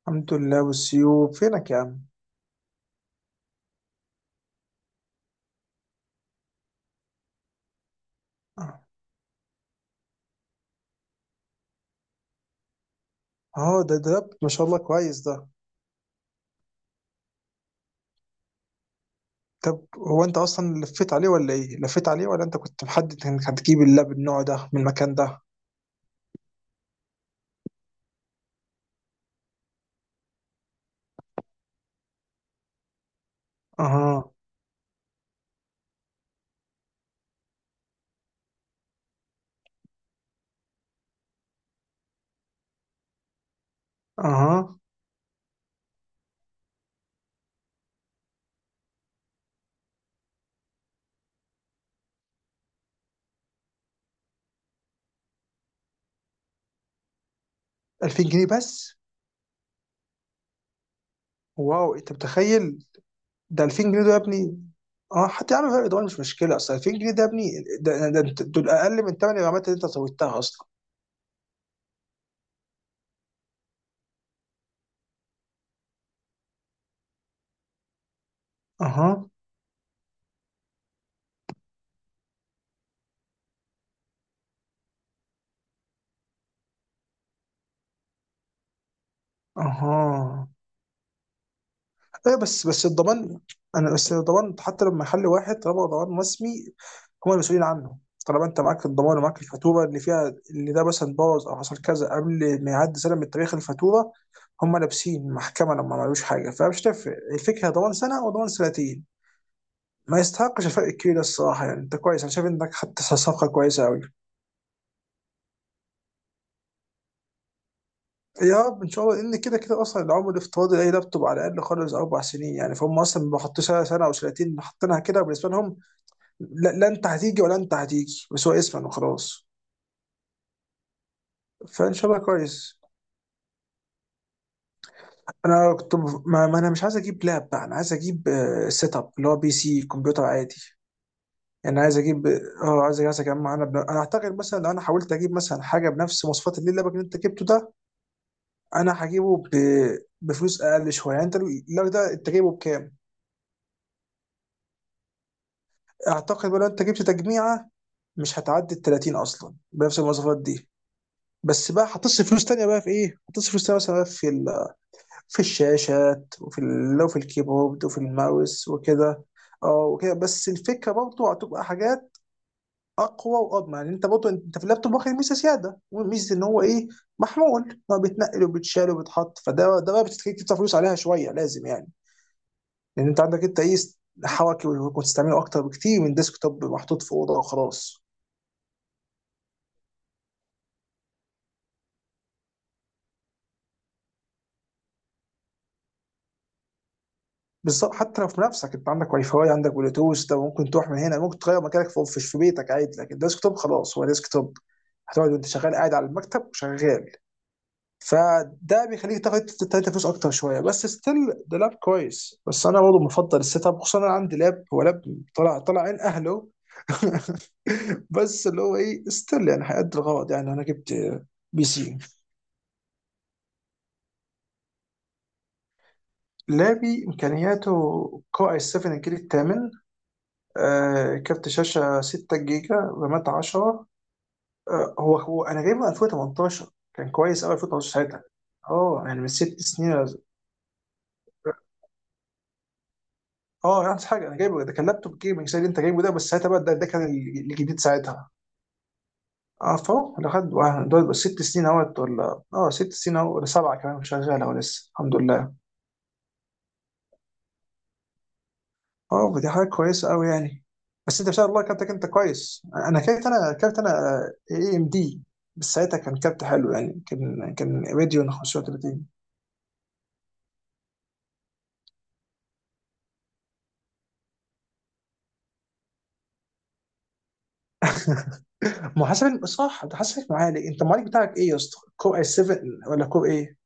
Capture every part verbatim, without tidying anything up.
الحمد لله، والسيوب فينك يا عم. اه ده ده ده، ما شاء الله، كويس ده. طب هو انت اصلا لفيت عليه ولا ايه، لفيت عليه ولا انت كنت محدد انك هتجيب اللاب النوع ده من المكان ده؟ اها. اها. الفين جنيه بس؟ واو، انت متخيل ده الفين جنيه ده يا ابني؟ اه، حتى يا عم فرق دول مش مشكله، اصل الفين جنيه ده يا ابني. ده ده- ده- دول اقل من ثمن الرامات اللي انت زودتها اصلا. اها. اها. ايوه، بس بس الضمان، انا بس الضمان حتى لما يحل واحد، طالما هو ضمان رسمي هم المسؤولين عنه. طالما انت معاك الضمان ومعاك الفاتوره اللي فيها اللي ده مثلا باظ او حصل كذا قبل ما يعدي سنه من تاريخ الفاتوره، هم لابسين المحكمه لما ما عملوش حاجه، فمش تفرق الفكره ضمان سنه وضمان سنتين. ما يستحقش الفرق الكبير ده الصراحه، يعني انت كويس، انا شايف انك خدت صفقه كويسه قوي. يا رب ان شاء الله، ان كده كده اصلا العمر الافتراضي لاي لابتوب على الاقل خالص اربع سنين، يعني فهم اصلا ما حطوش سنه، سنة او سنتين حاطينها كده بالنسبه لهم. لا، لا، انت هتيجي ولا انت هتيجي، بس هو اسفن وخلاص. فان شاء الله كويس. انا كنت ب- ما, ما انا مش عايز اجيب لاب بقى، انا عايز اجيب سيت اب اللي هو بي سي كمبيوتر عادي. يعني عايز اجيب، اه، عايز عايز اجمع. انا بن... انا اعتقد مثلا لو انا حاولت اجيب مثلا حاجه بنفس مواصفات اللي لابك اللي انت جبته ده، انا هجيبه ب... بفلوس اقل شويه. يعني انت اللاب ده انت جايبه بكام؟ اعتقد بقى لو انت جبت تجميعه مش هتعدي ال تلاتين اصلا بنفس المواصفات دي. بس بقى هتصرف فلوس تانية بقى في ايه؟ هتصرف فلوس تانية مثلا بقى في ال في الشاشات وفي ال- لو في الكيبورد وفي الماوس وكده. اه وكده، بس الفكره برضه هتبقى حاجات اقوى واضمن، يعني انت برضه انت في اللابتوب واخد ميزه زياده وميزه ان هو ايه، محمول، ان هو بيتنقل وبيتشال وبيتحط، فده ده بقى بتخليك تدفع فلوس عليها شويه لازم يعني. لان انت عندك انت ايه، حواكي وتستعمله اكتر بكتير من ديسك توب محطوط في اوضه وخلاص. بالظبط، حتى لو في نفسك انت عندك واي فاي، عندك بلوتوث، ده ممكن تروح من هنا، ممكن تغير مكانك في في في بيتك عادي، لكن الديسك توب خلاص هو ديسك توب، هتقعد وانت شغال قاعد على المكتب شغال. فده بيخليك تاخد تلاتة فلوس اكتر شويه بس ستيل ده لاب كويس. بس انا برضه بفضل السيت اب، خصوصا انا عندي لاب، هو لاب طلع طلع عين اهله. بس اللي هو ايه، ستيل يعني هيأدي الغرض. يعني انا جبت بي سي. لابي امكانياته كو اي سفن الجيل الثامن، آه، كارت شاشة 6 جيجا، رامات عشرة. آه، هو هو أنا جايبه الفين وتمنتاشر، كان كويس أوي الفين وتمنتاشر ساعتها. اه يعني من ست سنين ولا-، اه يعني حاجة أنا جايبه ده كان لابتوب جيمنج زي اللي أنت جايبه ده، بس ساعتها بقى ده, ده كان ال- الجديد ساعتها. اه، فهو ده خد واحد- دول بس ست سنين، اهوت ولا اه ست سنين اهو، ولا سبعة، كمان شغالة ولسه الحمد لله. اه، ما دي حاجه كويسه قوي يعني. بس انت ما شاء الله كابتنك انت كويس، انا كابت انا كابت انا اي ام دي. بس ساعتها كان كابت حلو يعني، كان كان راديون خمسة وتلاتين. محاسب صح، انت حاسبك معالي، انت المعالج بتاعك ايه يا اسطى، كور اي سفن ولا كور ايه؟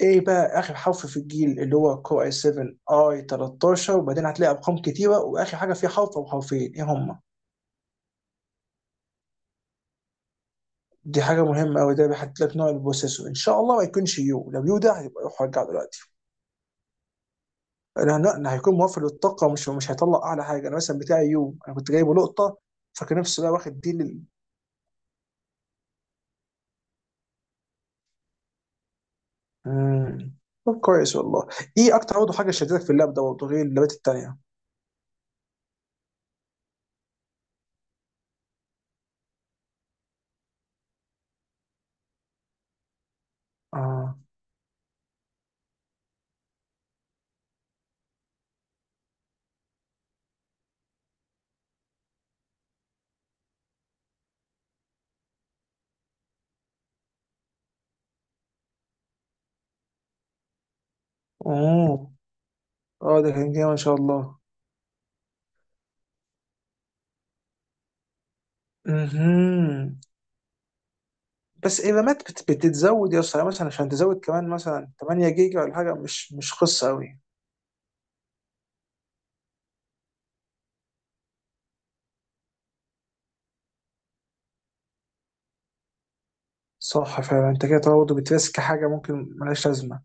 ايه بقى اخر حرف في الجيل، اللي هو كور اي سفن اي تلتاشر، وبعدين هتلاقي ارقام كتيره واخر حاجه فيه حرف او حرفين، ايه هم؟ دي حاجه مهمه قوي، ده بيحط لك نوع البروسيسور، ان شاء الله ما يكونش يو، لو يو ده هيبقى روح رجعه دلوقتي. لا لا، أنا هيكون موفر للطاقه، مش مش هيطلع اعلى حاجه. انا مثلا بتاعي يوم انا كنت جايبه لقطه، فكان نفسي بقى واخد دي لل. مم. طب كويس والله. ايه اكتر برضه حاجه شدتك في اللاب ده برضه غير اللابات التانيه؟ اه. اوه، اه ده كان جامد ما شاء الله. مهم. بس الرامات بت- بتتزود يا اسطى، يعني مثلا عشان تزود كمان مثلا 8 جيجا ولا حاجه، مش مش قصه قوي. صح فعلا، انت كده برضه بترسك حاجه ممكن ملهاش لازمه،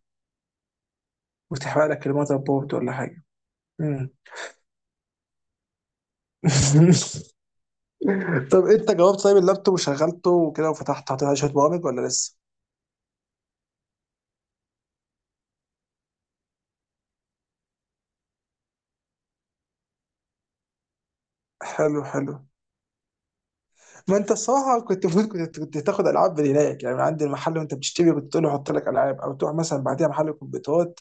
وتحرق لك الموتر بورد ولا حاجه. مم. طب انت جاوبت طيب اللابتوب وشغلته وكده، وفتحت حطيت عليه شويه برامج ولا لسه؟ حلو حلو. ما انت الصراحه كنت المفروض كنت كنت تاخد العاب من هناك، يعني من عند المحل وانت بتشتري، كنت تقول له حط لك العاب، او تروح مثلا بعديها محل كمبيوترات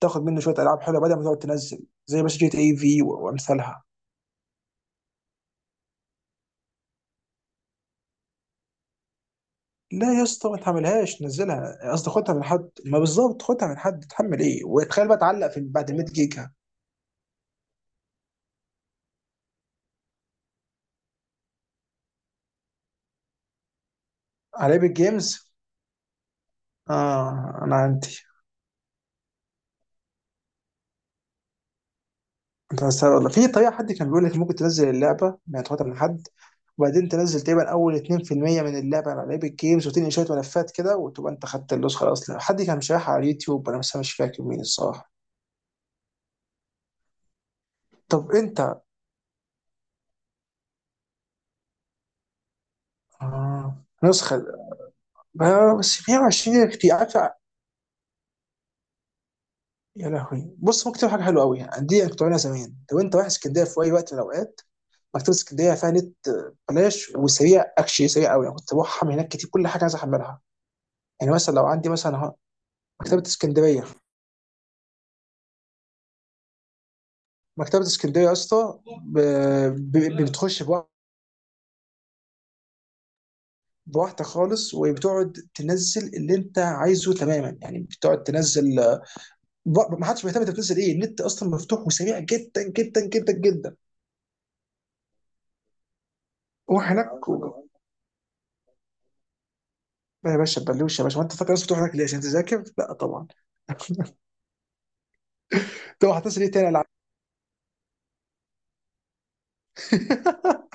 تاخد منه شويه العاب حلوه، بدل ما تقعد تنزل. زي بس جي تي اي في و- وامثالها لا يا اسطى، ما تحملهاش، نزلها قصدي خدها من حد، ما بالظبط خدها من حد، تحمل ايه وتخيل بقى تعلق في بعد 100 جيجا؟ على ايبك جيمز، اه انا عندي. انت هتستغرب والله، في طريقه حد كان بيقول لك ممكن تنزل اللعبه، ما تاخدها من حد، وبعدين تنزل تقريبا اول اتنين في المية من اللعبه على لعيب الجيمز، وتنقل شويه ملفات كده، وتبقى انت خدت النسخه الاصليه. حد كان شارحها على اليوتيوب، انا بس مش فاكر مين الصراحه. طب انت، آه، نسخه، آه، بس مية وعشرين كتير عارف. يا لهوي، بص ممكن تعمل حاجه حلوه قوي، يعني دي كنت بعملها زمان، لو انت رايح اسكندريه في اي وقت من الاوقات، مكتبه اسكندريه فيها نت آه بلاش وسريع، اكشلي سريع قوي، انا كنت بروح احمل هناك كتير كل حاجه عايز احملها. يعني مثلا لو عندي مثلا أهو، مكتبه اسكندريه، مكتبة اسكندرية يا اسطى، ب- ب- بتخش بوا- بواحدة خالص، وبتقعد تنزل اللي انت عايزه تماما، يعني بتقعد تنزل، ب- ما حدش مهتم انت بتنزل ايه، النت اصلا مفتوح وسريع جدا جدا جدا جدا. روح هناك و... يا باشا بلوش يا باشا، ما انت فاكر الناس بتروح هناك ليه، عشان تذاكر؟ لا طبعا. طب هتنزل ايه تاني، العب.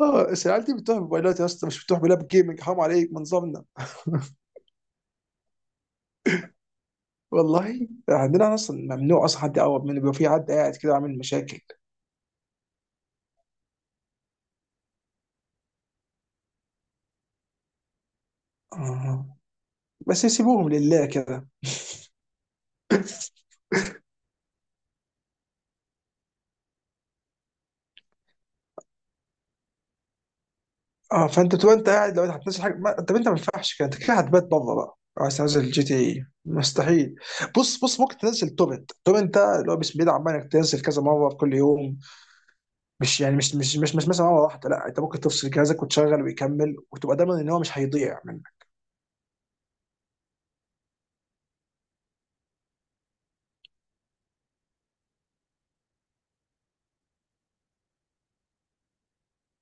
اه بس العيال دي بتروح بموبايلات يا اسطى، مش بتروح بلاب جيمنج، حرام عليك، من ضمننا. والله عندنا اصلا ممنوع اصلا حد يقرب منه، بيبقى في حد قاعد كده عامل مشاكل. آه. بس يسيبوهم لله كده. اه فانت تبقى انت قاعد، لو انت هتنزل حاجه ما... طب انت ما ينفعش كده، انت كده هتبات بره بقى عايز تنزل جي تي اي، مستحيل. بص بص، ممكن تنزل توبنت، توبنت ده اللي هو بسم الله عمال انك تنزل كذا مره في كل يوم، مش يعني مش مش مش, مش مثلا مره واحده، لا انت ممكن تفصل جهازك وتشغل ويكمل، وتبقى ضامن ان هو مش هيضيع منك.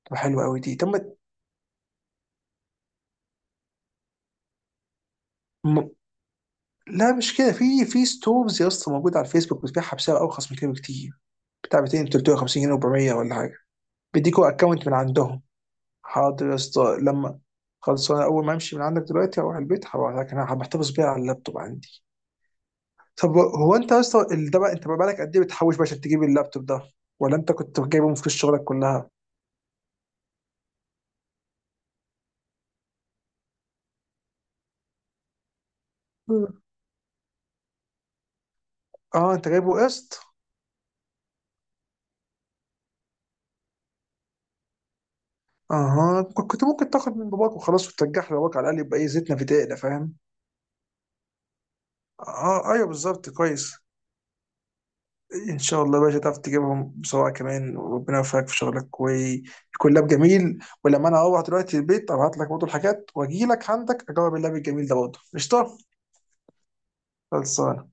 تبقى حلوه قوي دي، تم. م... لا مش كده، في في ستورز يا اسطى موجوده على الفيسبوك بتبيعها بسعر ارخص من كده بكتير، بتاع ميتين، تلتمية وخمسين جنيه، اربعمية ولا حاجه، بيديكوا اكونت من عندهم. حاضر يا اسطى لما، خلاص، انا اول ما امشي من عندك دلوقتي اروح البيت هبقى، لكن انا بحتفظ بيها على اللابتوب عندي. طب هو انت يا اسطى ال- ده بقى انت بقى لك قد ايه بتحوش بقى عشان تجيب اللابتوب ده، ولا انت كنت جايبه من فلوس شغلك كلها؟ مم. اه انت جايبه قسط. اها، ك- كنت ممكن تاخد من باباك وخلاص وترجعها لباباك، على الاقل يبقى ايه، زيتنا في دقيقنا فاهم. اه ايوه بالظبط كويس. ان شاء الله يا باشا تعرف تجيبهم بسرعه كمان، وربنا يوفقك في شغلك ويكون لاب جميل. ولما انا اروح دلوقتي البيت ابعت لك برضه الحاجات واجي لك عندك اجرب اللاب الجميل ده برضه، قشطه. خلصان.